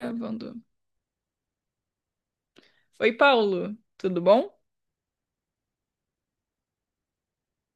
Gravando. Oi, Paulo, tudo bom?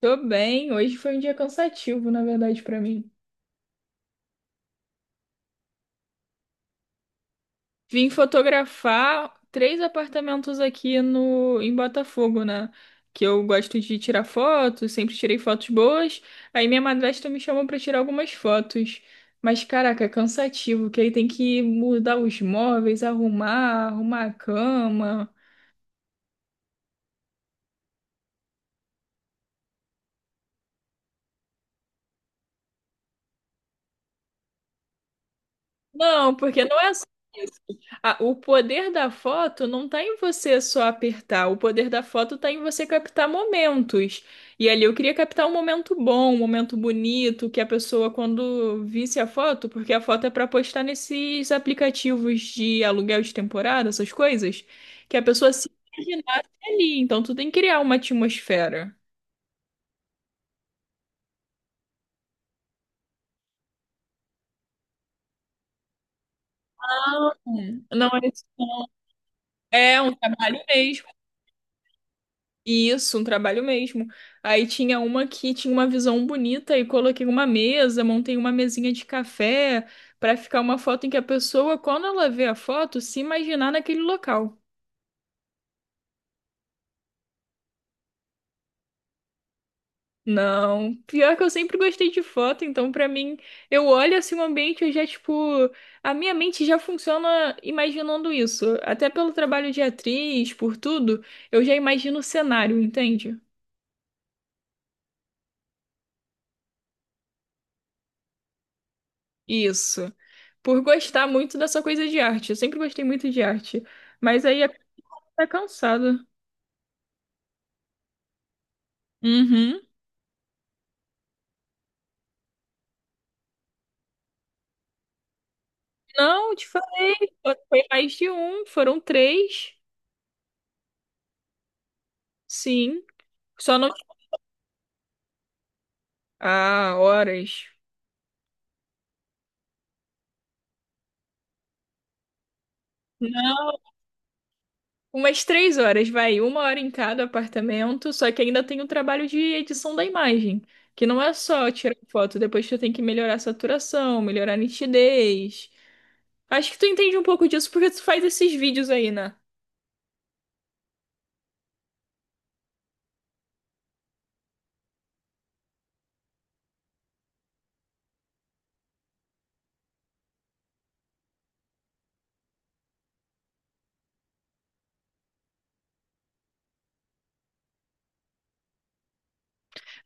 Tô bem. Hoje foi um dia cansativo, na verdade, pra mim. Vim fotografar três apartamentos aqui no em Botafogo, né? Que eu gosto de tirar fotos, sempre tirei fotos boas. Aí minha madrasta me chamou pra tirar algumas fotos. Mas caraca, é cansativo, que aí tem que mudar os móveis, arrumar a cama. Não, porque não é só isso. Ah, o poder da foto não está em você só apertar, o poder da foto está em você captar momentos. E ali eu queria captar um momento bom, um momento bonito, que a pessoa, quando visse a foto, porque a foto é para postar nesses aplicativos de aluguel de temporada, essas coisas, que a pessoa se imaginasse ali. Então tu tem que criar uma atmosfera. Não, Não é isso. É um trabalho mesmo. Isso, um trabalho mesmo. Aí tinha uma que tinha uma visão bonita e coloquei uma mesa, montei uma mesinha de café para ficar uma foto em que a pessoa, quando ela vê a foto, se imaginar naquele local. Não, pior que eu sempre gostei de foto, então pra mim, eu olho assim o ambiente, eu já tipo, a minha mente já funciona imaginando isso. Até pelo trabalho de atriz, por tudo, eu já imagino o cenário, entende? Isso. Por gostar muito dessa coisa de arte. Eu sempre gostei muito de arte. Mas aí a coisa tá cansada. Uhum. Não, de fato, foi mais de um. Foram três. Sim. Só não. Ah, horas. Não. Umas três horas, vai. Uma hora em cada apartamento. Só que ainda tem o trabalho de edição da imagem. Que não é só tirar foto. Depois tu tem que melhorar a saturação, melhorar a nitidez. Acho que tu entende um pouco disso porque tu faz esses vídeos aí, né?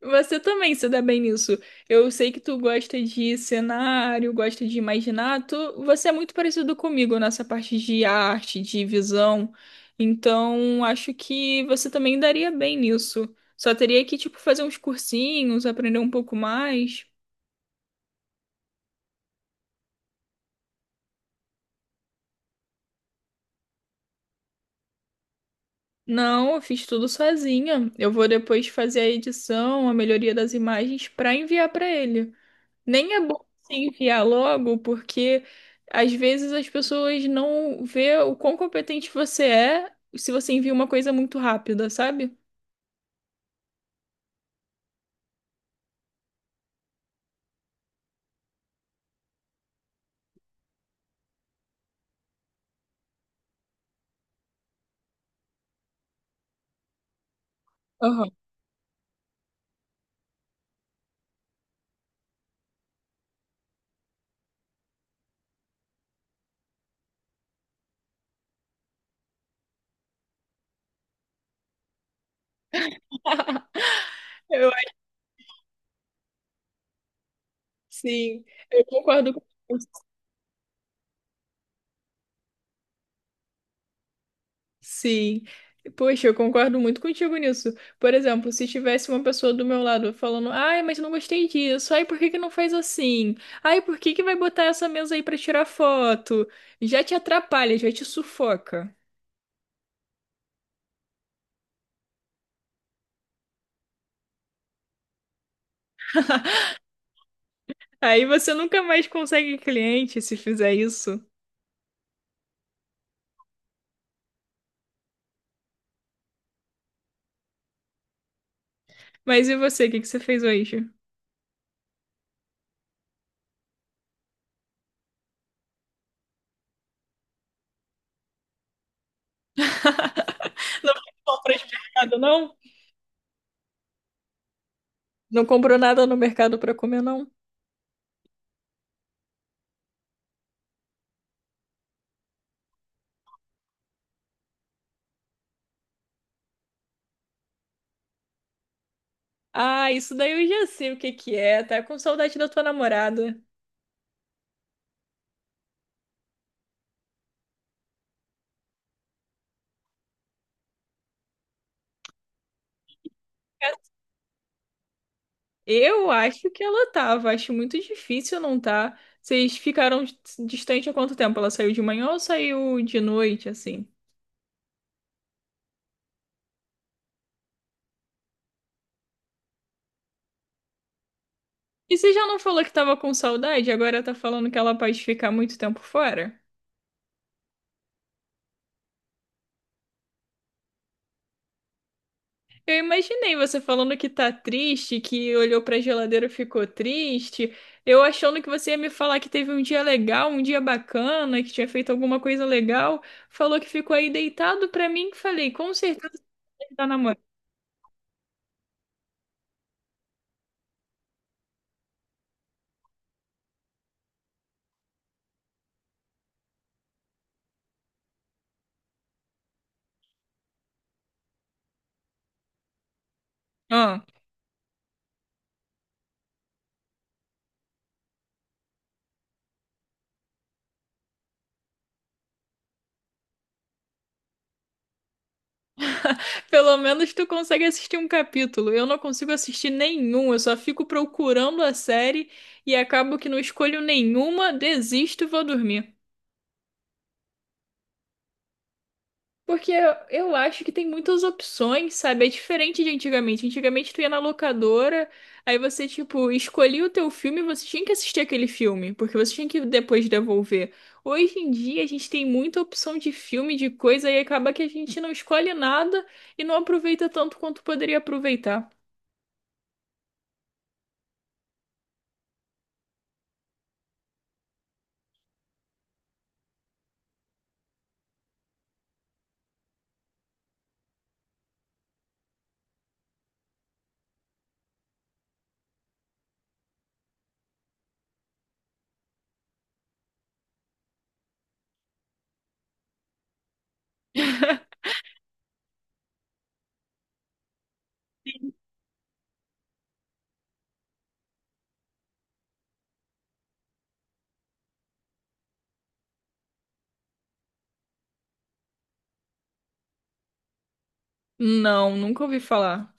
Você também se dá bem nisso. Eu sei que tu gosta de cenário, gosta de imaginar. Tu, você é muito parecido comigo nessa parte de arte, de visão. Então, acho que você também daria bem nisso. Só teria que, tipo, fazer uns cursinhos, aprender um pouco mais. Não, eu fiz tudo sozinha. Eu vou depois fazer a edição, a melhoria das imagens para enviar para ele. Nem é bom se enviar logo, porque às vezes as pessoas não vê o quão competente você é se você envia uma coisa muito rápida, sabe? Aham. Eu, acho- sim, eu concordo com isso. Sim. Poxa, eu concordo muito contigo nisso. Por exemplo, se tivesse uma pessoa do meu lado falando, ai, mas não gostei disso, ai, por que que não faz assim? Ai, por que que vai botar essa mesa aí pra tirar foto? Já te atrapalha, já te sufoca. Aí você nunca mais consegue cliente se fizer isso. Mas e você, o que que você fez hoje? Não fez compras de mercado, não? Não comprou nada no mercado pra comer, não? Ah, isso daí eu já sei o que que é. Tá com saudade da tua namorada. Eu acho que ela tava. Acho muito difícil não tá. Vocês ficaram distante há quanto tempo? Ela saiu de manhã ou saiu de noite, assim? E você já não falou que tava com saudade? Agora tá falando que ela pode ficar muito tempo fora? Eu imaginei você falando que tá triste, que olhou pra geladeira e ficou triste. Eu achando que você ia me falar que teve um dia legal, um dia bacana, que tinha feito alguma coisa legal. Falou que ficou aí deitado pra mim. Falei, com certeza você tá namorando. Ah, pelo menos tu consegue assistir um capítulo. Eu não consigo assistir nenhum. Eu só fico procurando a série e acabo que não escolho nenhuma, desisto e vou dormir. Porque eu acho que tem muitas opções, sabe? É diferente de antigamente. Antigamente tu ia na locadora, aí você, tipo, escolhia o teu filme e você tinha que assistir aquele filme, porque você tinha que depois devolver. Hoje em dia a gente tem muita opção de filme, de coisa, e acaba que a gente não escolhe nada e não aproveita tanto quanto poderia aproveitar. Não, nunca ouvi falar.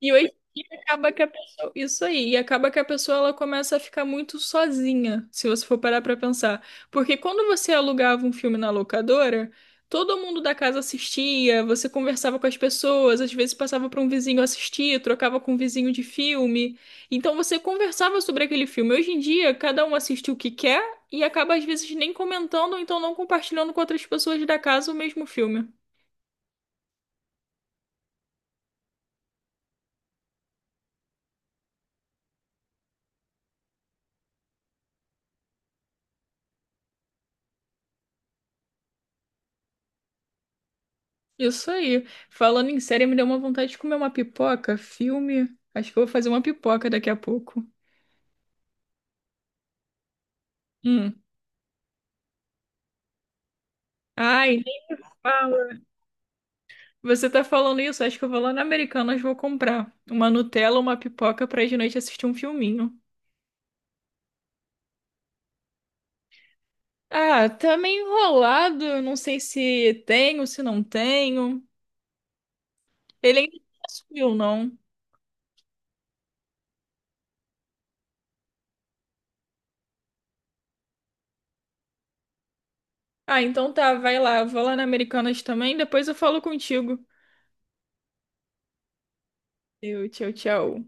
E hoje em dia acaba que a pessoa, isso aí, e acaba que a pessoa ela começa a ficar muito sozinha, se você for parar pra pensar. Porque quando você alugava um filme na locadora, todo mundo da casa assistia, você conversava com as pessoas, às vezes passava para um vizinho assistir, trocava com um vizinho de filme. Então você conversava sobre aquele filme. Hoje em dia, cada um assiste o que quer e acaba às vezes nem comentando ou então não compartilhando com outras pessoas da casa o mesmo filme. Isso aí. Falando em série, me deu uma vontade de comer uma pipoca, filme. Acho que eu vou fazer uma pipoca daqui a pouco. Hum. Ai, nem fala. Você tá falando isso? Acho que eu vou lá na Americanas, vou comprar uma Nutella, uma pipoca pra de noite assistir um filminho. Ah, tá meio enrolado. Eu não sei se tenho, se não tenho. Ele ainda não subiu, não. Ah, então tá, vai lá. Eu vou lá na Americanas também, depois eu falo contigo. Tchau, tchau.